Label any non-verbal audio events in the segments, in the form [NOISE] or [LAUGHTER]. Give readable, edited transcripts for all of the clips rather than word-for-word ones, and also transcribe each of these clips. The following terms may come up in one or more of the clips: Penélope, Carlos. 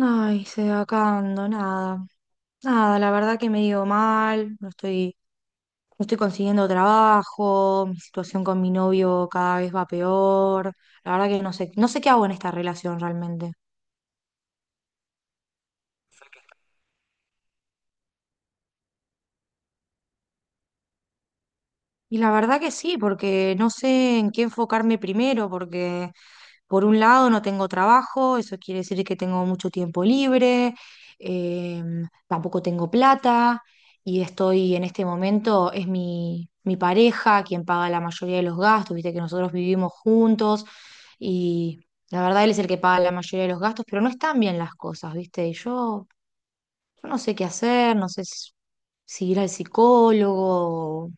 Ay, se va acabando, nada. Nada, la verdad que me dio mal, no estoy consiguiendo trabajo, mi situación con mi novio cada vez va peor. La verdad que no sé qué hago en esta relación realmente. Y la verdad que sí, porque no sé en qué enfocarme primero, porque por un lado no tengo trabajo, eso quiere decir que tengo mucho tiempo libre, tampoco tengo plata y estoy en este momento, es mi pareja quien paga la mayoría de los gastos, viste que nosotros vivimos juntos y la verdad él es el que paga la mayoría de los gastos, pero no están bien las cosas, viste, y yo no sé qué hacer, no sé si, si ir al psicólogo,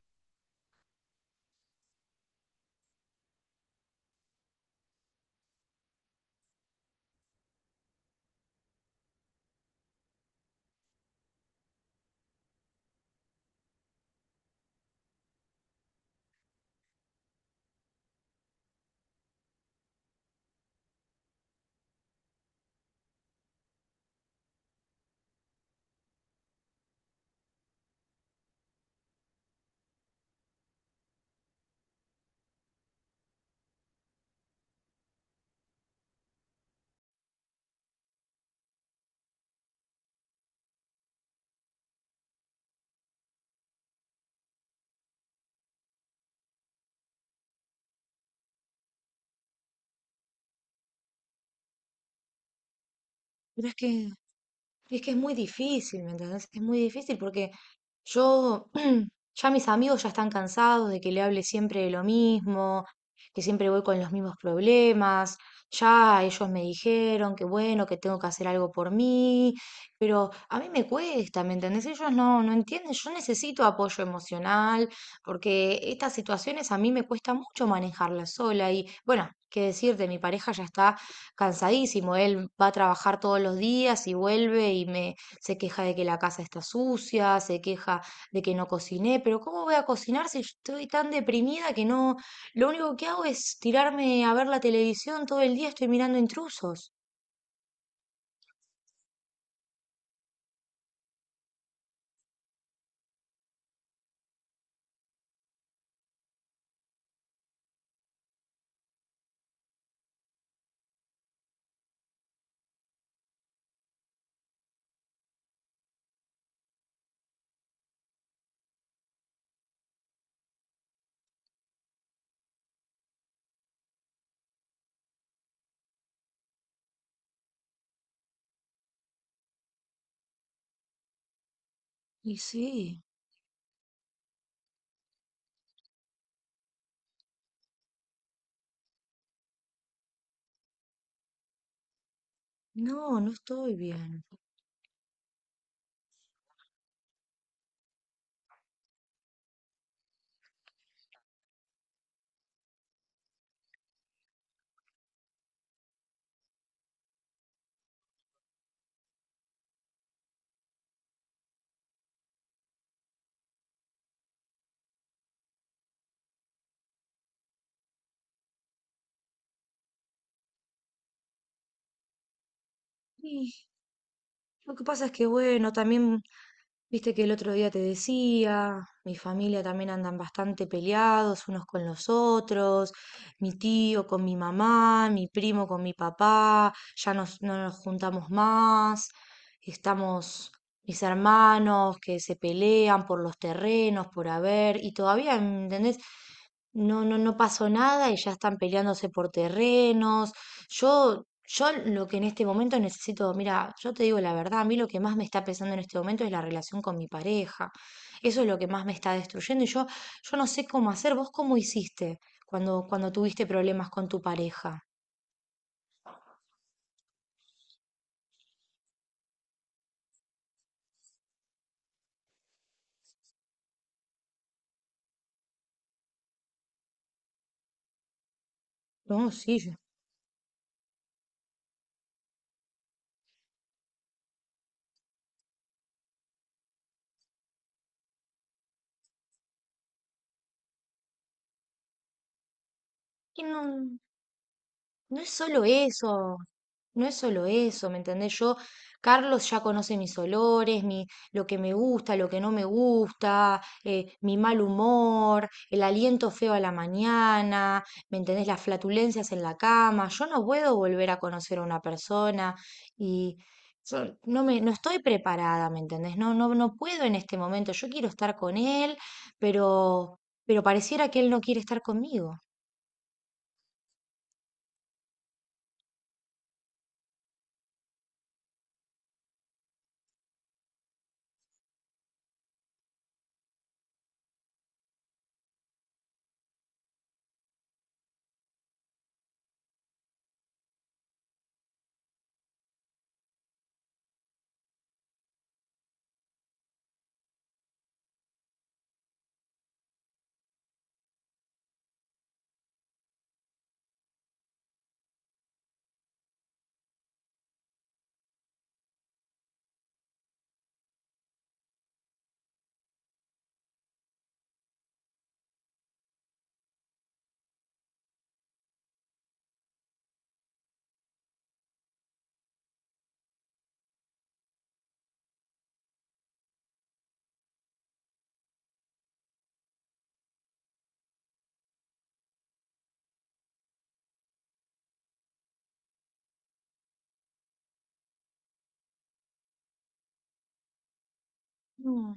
pero es que Es que es muy difícil, ¿me entendés? Es muy difícil porque yo, [CLEARS THROAT] ya mis amigos están cansados de que le hable siempre de lo mismo, que siempre voy con los mismos problemas. Ya ellos me dijeron que bueno, que tengo que hacer algo por mí, pero a mí me cuesta, ¿me entendés? Ellos no entienden, yo necesito apoyo emocional, porque estas situaciones a mí me cuesta mucho manejarlas sola y bueno, qué decirte, mi pareja ya está cansadísimo. Él va a trabajar todos los días y vuelve y me se queja de que la casa está sucia, se queja de que no cociné, pero ¿cómo voy a cocinar si estoy tan deprimida que no, lo único que hago es tirarme a ver la televisión todo el día, estoy mirando intrusos? Y sí, no, no estoy bien. Y lo que pasa es que, bueno, también viste que el otro día te decía, mi familia también andan bastante peleados unos con los otros, mi tío con mi mamá, mi primo con mi papá, no nos juntamos más, estamos mis hermanos que se pelean por los terrenos, por haber, y todavía, ¿entendés? No pasó nada y ya están peleándose por terrenos. Yo lo que en este momento necesito, mira, yo te digo la verdad, a mí lo que más me está pesando en este momento es la relación con mi pareja. Eso es lo que más me está destruyendo y yo no sé cómo hacer. ¿Vos cómo hiciste cuando tuviste problemas con tu pareja? No, sí, yo. Y no. No es solo eso, no es solo eso, ¿me entendés? Yo, Carlos ya conoce mis olores, mi, lo que me gusta, lo que no me gusta, mi mal humor, el aliento feo a la mañana, ¿me entendés? Las flatulencias en la cama. Yo no puedo volver a conocer a una persona y yo no estoy preparada, ¿me entendés? No puedo en este momento. Yo quiero estar con él, pero, pero pareciera que él no quiere estar conmigo. No.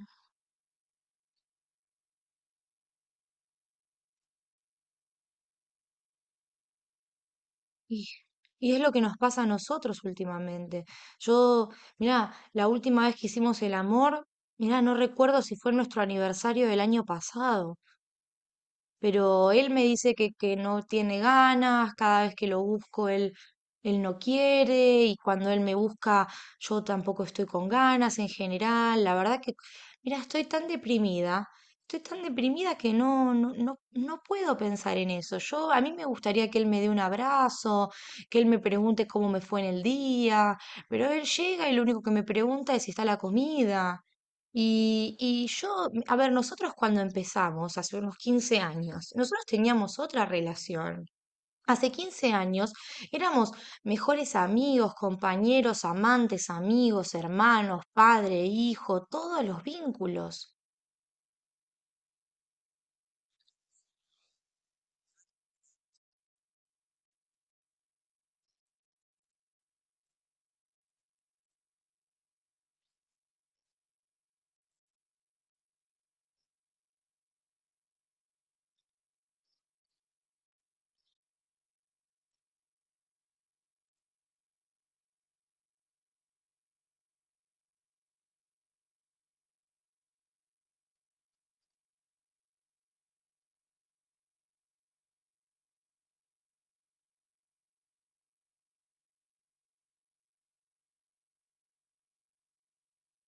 Y, y es lo que nos pasa a nosotros últimamente. Yo, mirá, la última vez que hicimos el amor, mirá, no recuerdo si fue nuestro aniversario del año pasado, pero él me dice que no tiene ganas, cada vez que lo busco él, él no quiere y cuando él me busca yo tampoco estoy con ganas en general. La verdad que, mira, estoy tan deprimida que no puedo pensar en eso. Yo, a mí me gustaría que él me dé un abrazo, que él me pregunte cómo me fue en el día, pero él llega y lo único que me pregunta es si está la comida. Y yo, mm, a ver, nosotros cuando empezamos, hace unos 15 años, nosotros teníamos otra relación. Hace 15 años éramos mejores amigos, compañeros, amantes, amigos, hermanos, padre, hijo, todos los vínculos.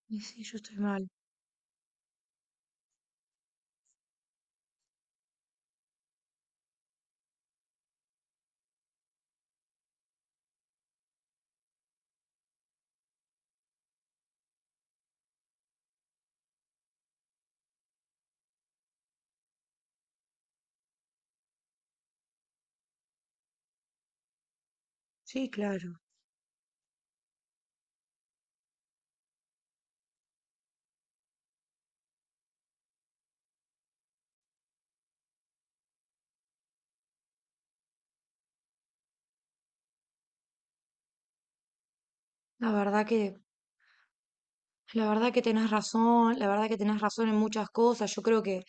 Y sí, yo estoy mal. Sí, claro. La verdad que, la verdad que tenés razón, la verdad que tenés razón en muchas cosas. Yo creo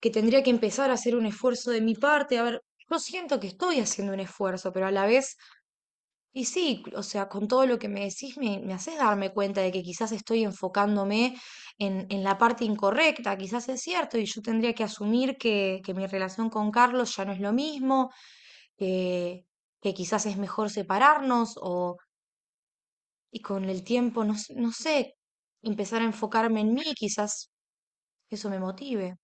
que tendría que empezar a hacer un esfuerzo de mi parte. A ver, yo siento que estoy haciendo un esfuerzo, pero a la vez y sí, o sea, con todo lo que me decís, me haces darme cuenta de que quizás estoy enfocándome en la parte incorrecta, quizás es cierto, y yo tendría que asumir que mi relación con Carlos ya no es lo mismo, que, que quizás es mejor separarnos, o, y con el tiempo, no sé, empezar a enfocarme en mí, quizás eso me motive.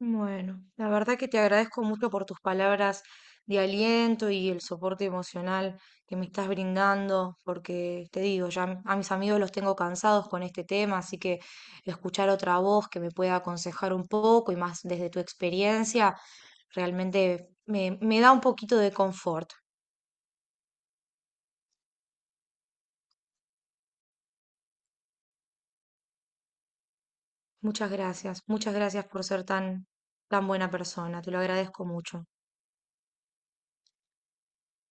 Bueno, la verdad que te agradezco mucho por tus palabras de aliento y el soporte emocional que me estás brindando, porque te digo, a mis amigos los tengo cansados con este tema, así que escuchar otra voz que me pueda aconsejar un poco y más desde tu experiencia, realmente me da un poquito de confort. Muchas gracias por ser tan, tan buena persona, te lo agradezco mucho.